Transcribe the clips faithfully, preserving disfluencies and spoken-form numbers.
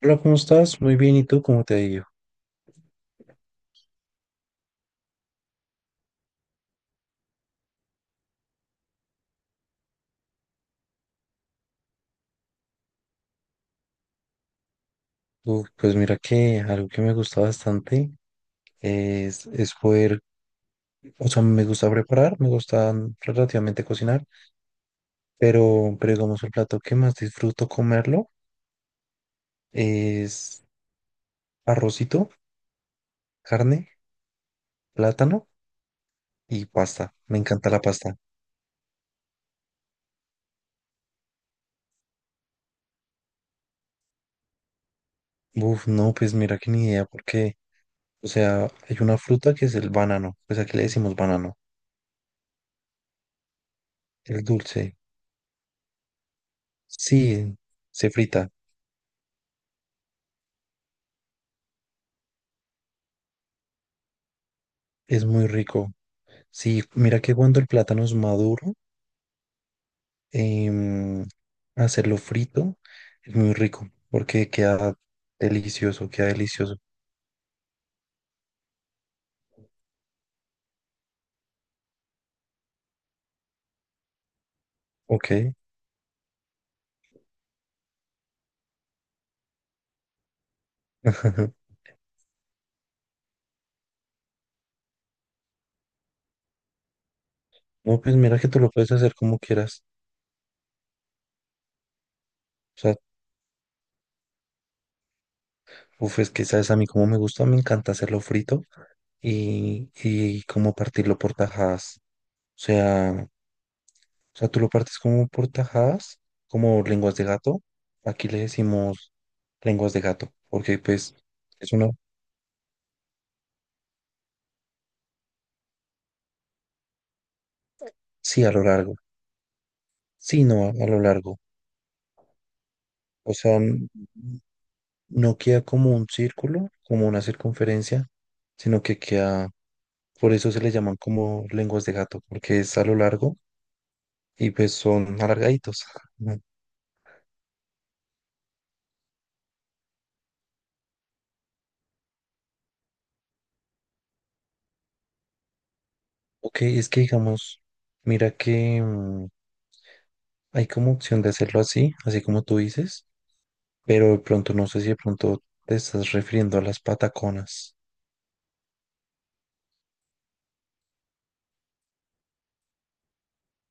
Hola, ¿cómo estás? Muy bien, ¿y tú cómo te ha ido? Uf, pues mira que algo que me gusta bastante es, es poder, o sea, me gusta preparar, me gusta mm, relativamente cocinar, pero, pero digamos el plato que más disfruto comerlo es arrocito, carne, plátano y pasta. Me encanta la pasta. Uf, no, pues mira que ni idea, porque, o sea, hay una fruta que es el banano, pues aquí le decimos banano, el dulce, sí, se frita, es muy rico. Sí, mira que cuando el plátano es maduro, em, hacerlo frito es muy rico porque queda delicioso, queda delicioso. Ok. No, pues mira que tú lo puedes hacer como quieras. O sea, uf, es que sabes a mí como me gusta, me encanta hacerlo frito y, y como partirlo por tajadas. O sea, o sea, tú lo partes como por tajadas, como lenguas de gato. Aquí le decimos lenguas de gato porque pues es una, sí, a lo largo. Sí, no, a lo largo. O sea, n- no queda como un círculo, como una circunferencia, sino que queda, por eso se le llaman como lenguas de gato, porque es a lo largo y pues son alargaditos. Ujú. Ok, es que digamos, mira que mm, hay como opción de hacerlo así, así como tú dices, pero de pronto no sé si de pronto te estás refiriendo a las pataconas,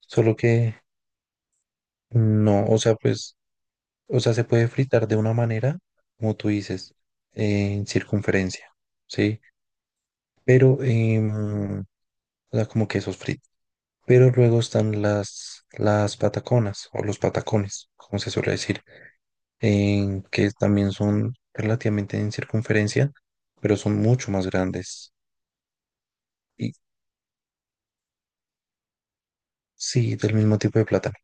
solo que no, o sea, pues... O sea, se puede fritar de una manera, como tú dices, en circunferencia, ¿sí? Pero, em, o sea, como quesos fritos. Pero luego están las, las pataconas o los patacones, como se suele decir, en que también son relativamente en circunferencia, pero son mucho más grandes. Y sí, del mismo tipo de plátano.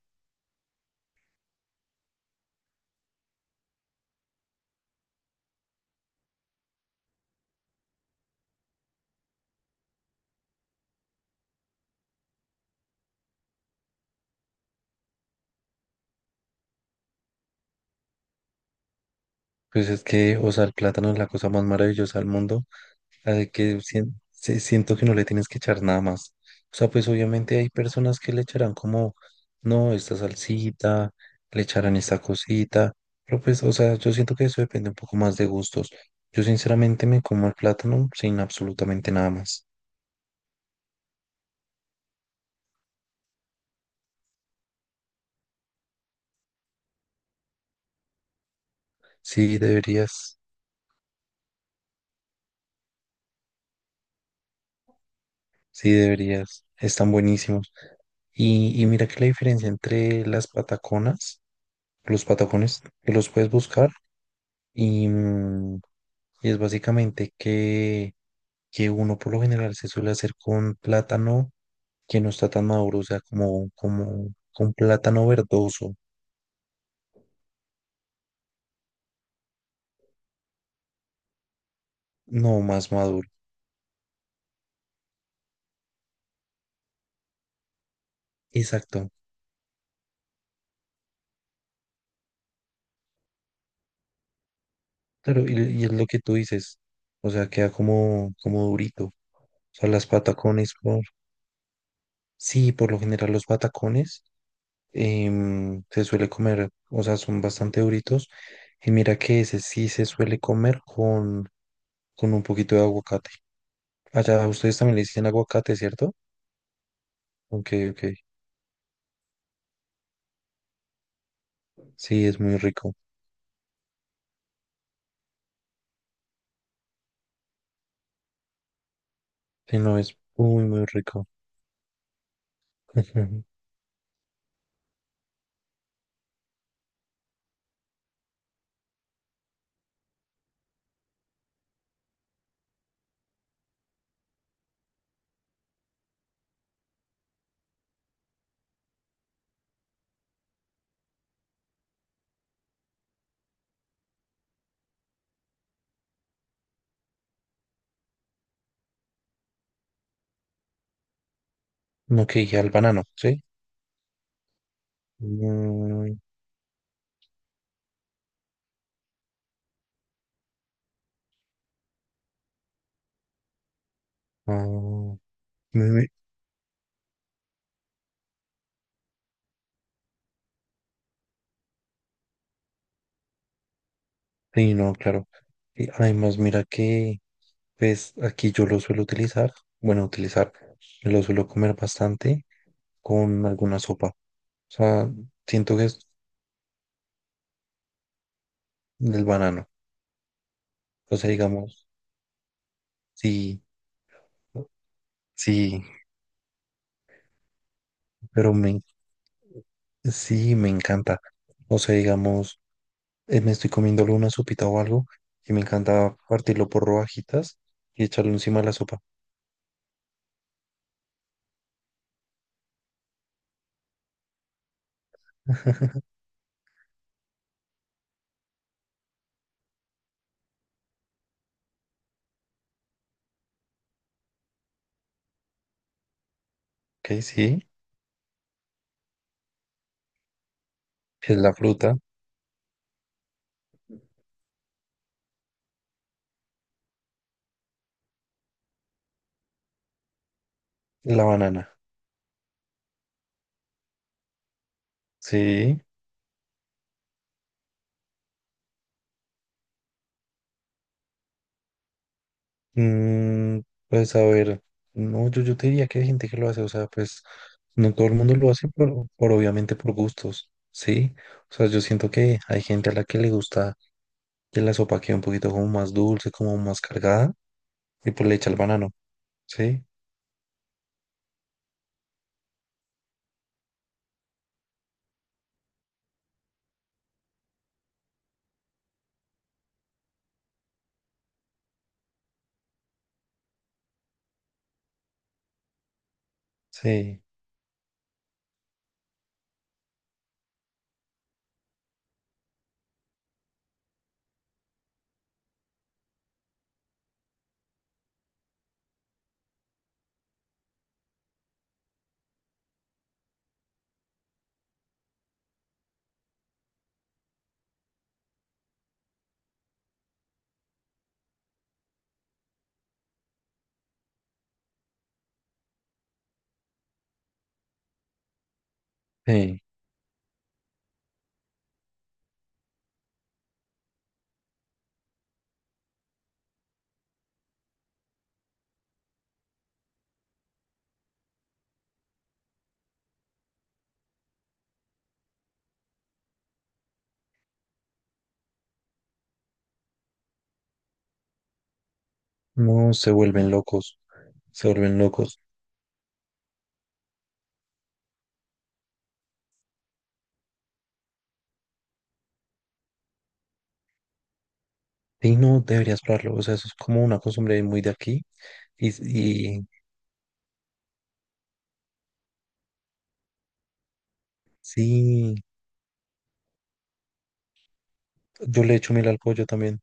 Pues es que, o sea, el plátano es la cosa más maravillosa del mundo la de que sien- se- siento que no le tienes que echar nada más. O sea, pues obviamente hay personas que le echarán como, no, esta salsita, le echarán esta cosita, pero pues, o sea, yo siento que eso depende un poco más de gustos. Yo sinceramente me como el plátano sin absolutamente nada más. Sí, deberías, sí, deberías, están buenísimos. Y, y mira que la diferencia entre las pataconas, los patacones, que los puedes buscar y, mm, y es básicamente que que uno por lo general se suele hacer con plátano que no está tan maduro, o sea, como, como con plátano verdoso, no más maduro. Exacto. Claro, y, y es lo que tú dices, o sea, queda como, como durito. O sea, las patacones, por... sí, por lo general los patacones em, se suele comer, o sea, son bastante duritos. Y mira que ese sí se suele comer con, con un poquito de aguacate. Allá ustedes también le dicen aguacate, ¿cierto? Ok, ok. Sí, es muy rico. Sí, no, es muy, muy rico. Ujú. No, que ya el banano, ¿sí? Mm, ah, me- me- sí, no, claro. Y además, mira que, pues, aquí yo lo suelo utilizar, bueno, utilizar, lo suelo comer bastante con alguna sopa. O sea, siento que es del banano. O sea, digamos, sí, sí, pero me, sí, me encanta. O sea, digamos... eh, me estoy comiendo una sopita o algo y me encanta partirlo por rodajitas y echarlo encima de la sopa. Ok, sí, es la fruta, la banana. Sí, mm, pues a ver, no, yo, yo te diría que hay gente que lo hace, o sea, pues no todo el mundo lo hace por, por obviamente por gustos, sí. O sea, yo siento que hay gente a la que le gusta que la sopa quede un poquito como más dulce, como más cargada y pues le echa el banano, sí, sí, sí. No se vuelven locos. Se vuelven locos. Y no, deberías probarlo. O sea, eso es como una costumbre muy de aquí. Y, y sí, yo le echo miel al pollo también.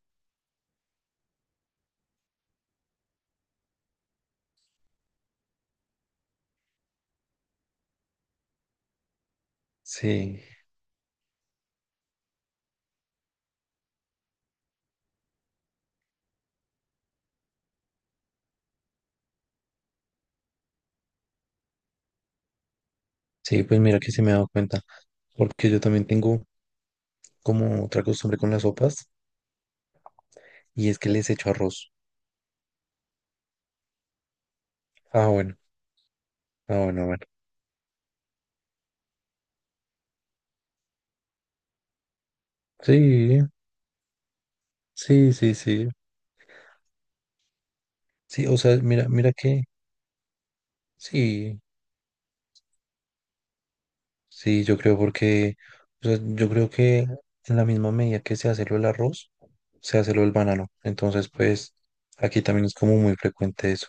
Sí, sí, pues mira que se me he dado cuenta. Porque yo también tengo como otra costumbre con las sopas y es que les echo arroz. Ah, bueno, ah, bueno, bueno. Sí, sí, sí, sí. Sí, o sea, mira, mira que sí. Sí, yo creo porque, o sea, yo creo que en la misma medida que se hace lo del arroz, se hace lo del banano. Entonces, pues, aquí también es como muy frecuente eso.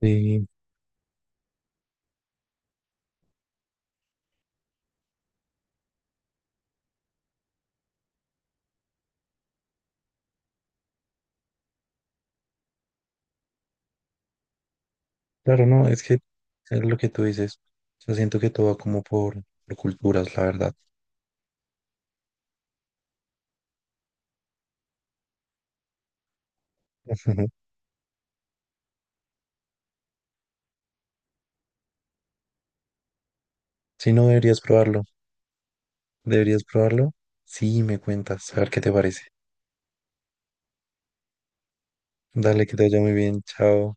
Y claro, no, es que es lo que tú dices. Yo siento que todo va como por, por culturas, la verdad. Ujú. Si no, deberías probarlo. Deberías probarlo. Sí, me cuentas. A ver qué te parece. Dale, que te vaya muy bien. Chao.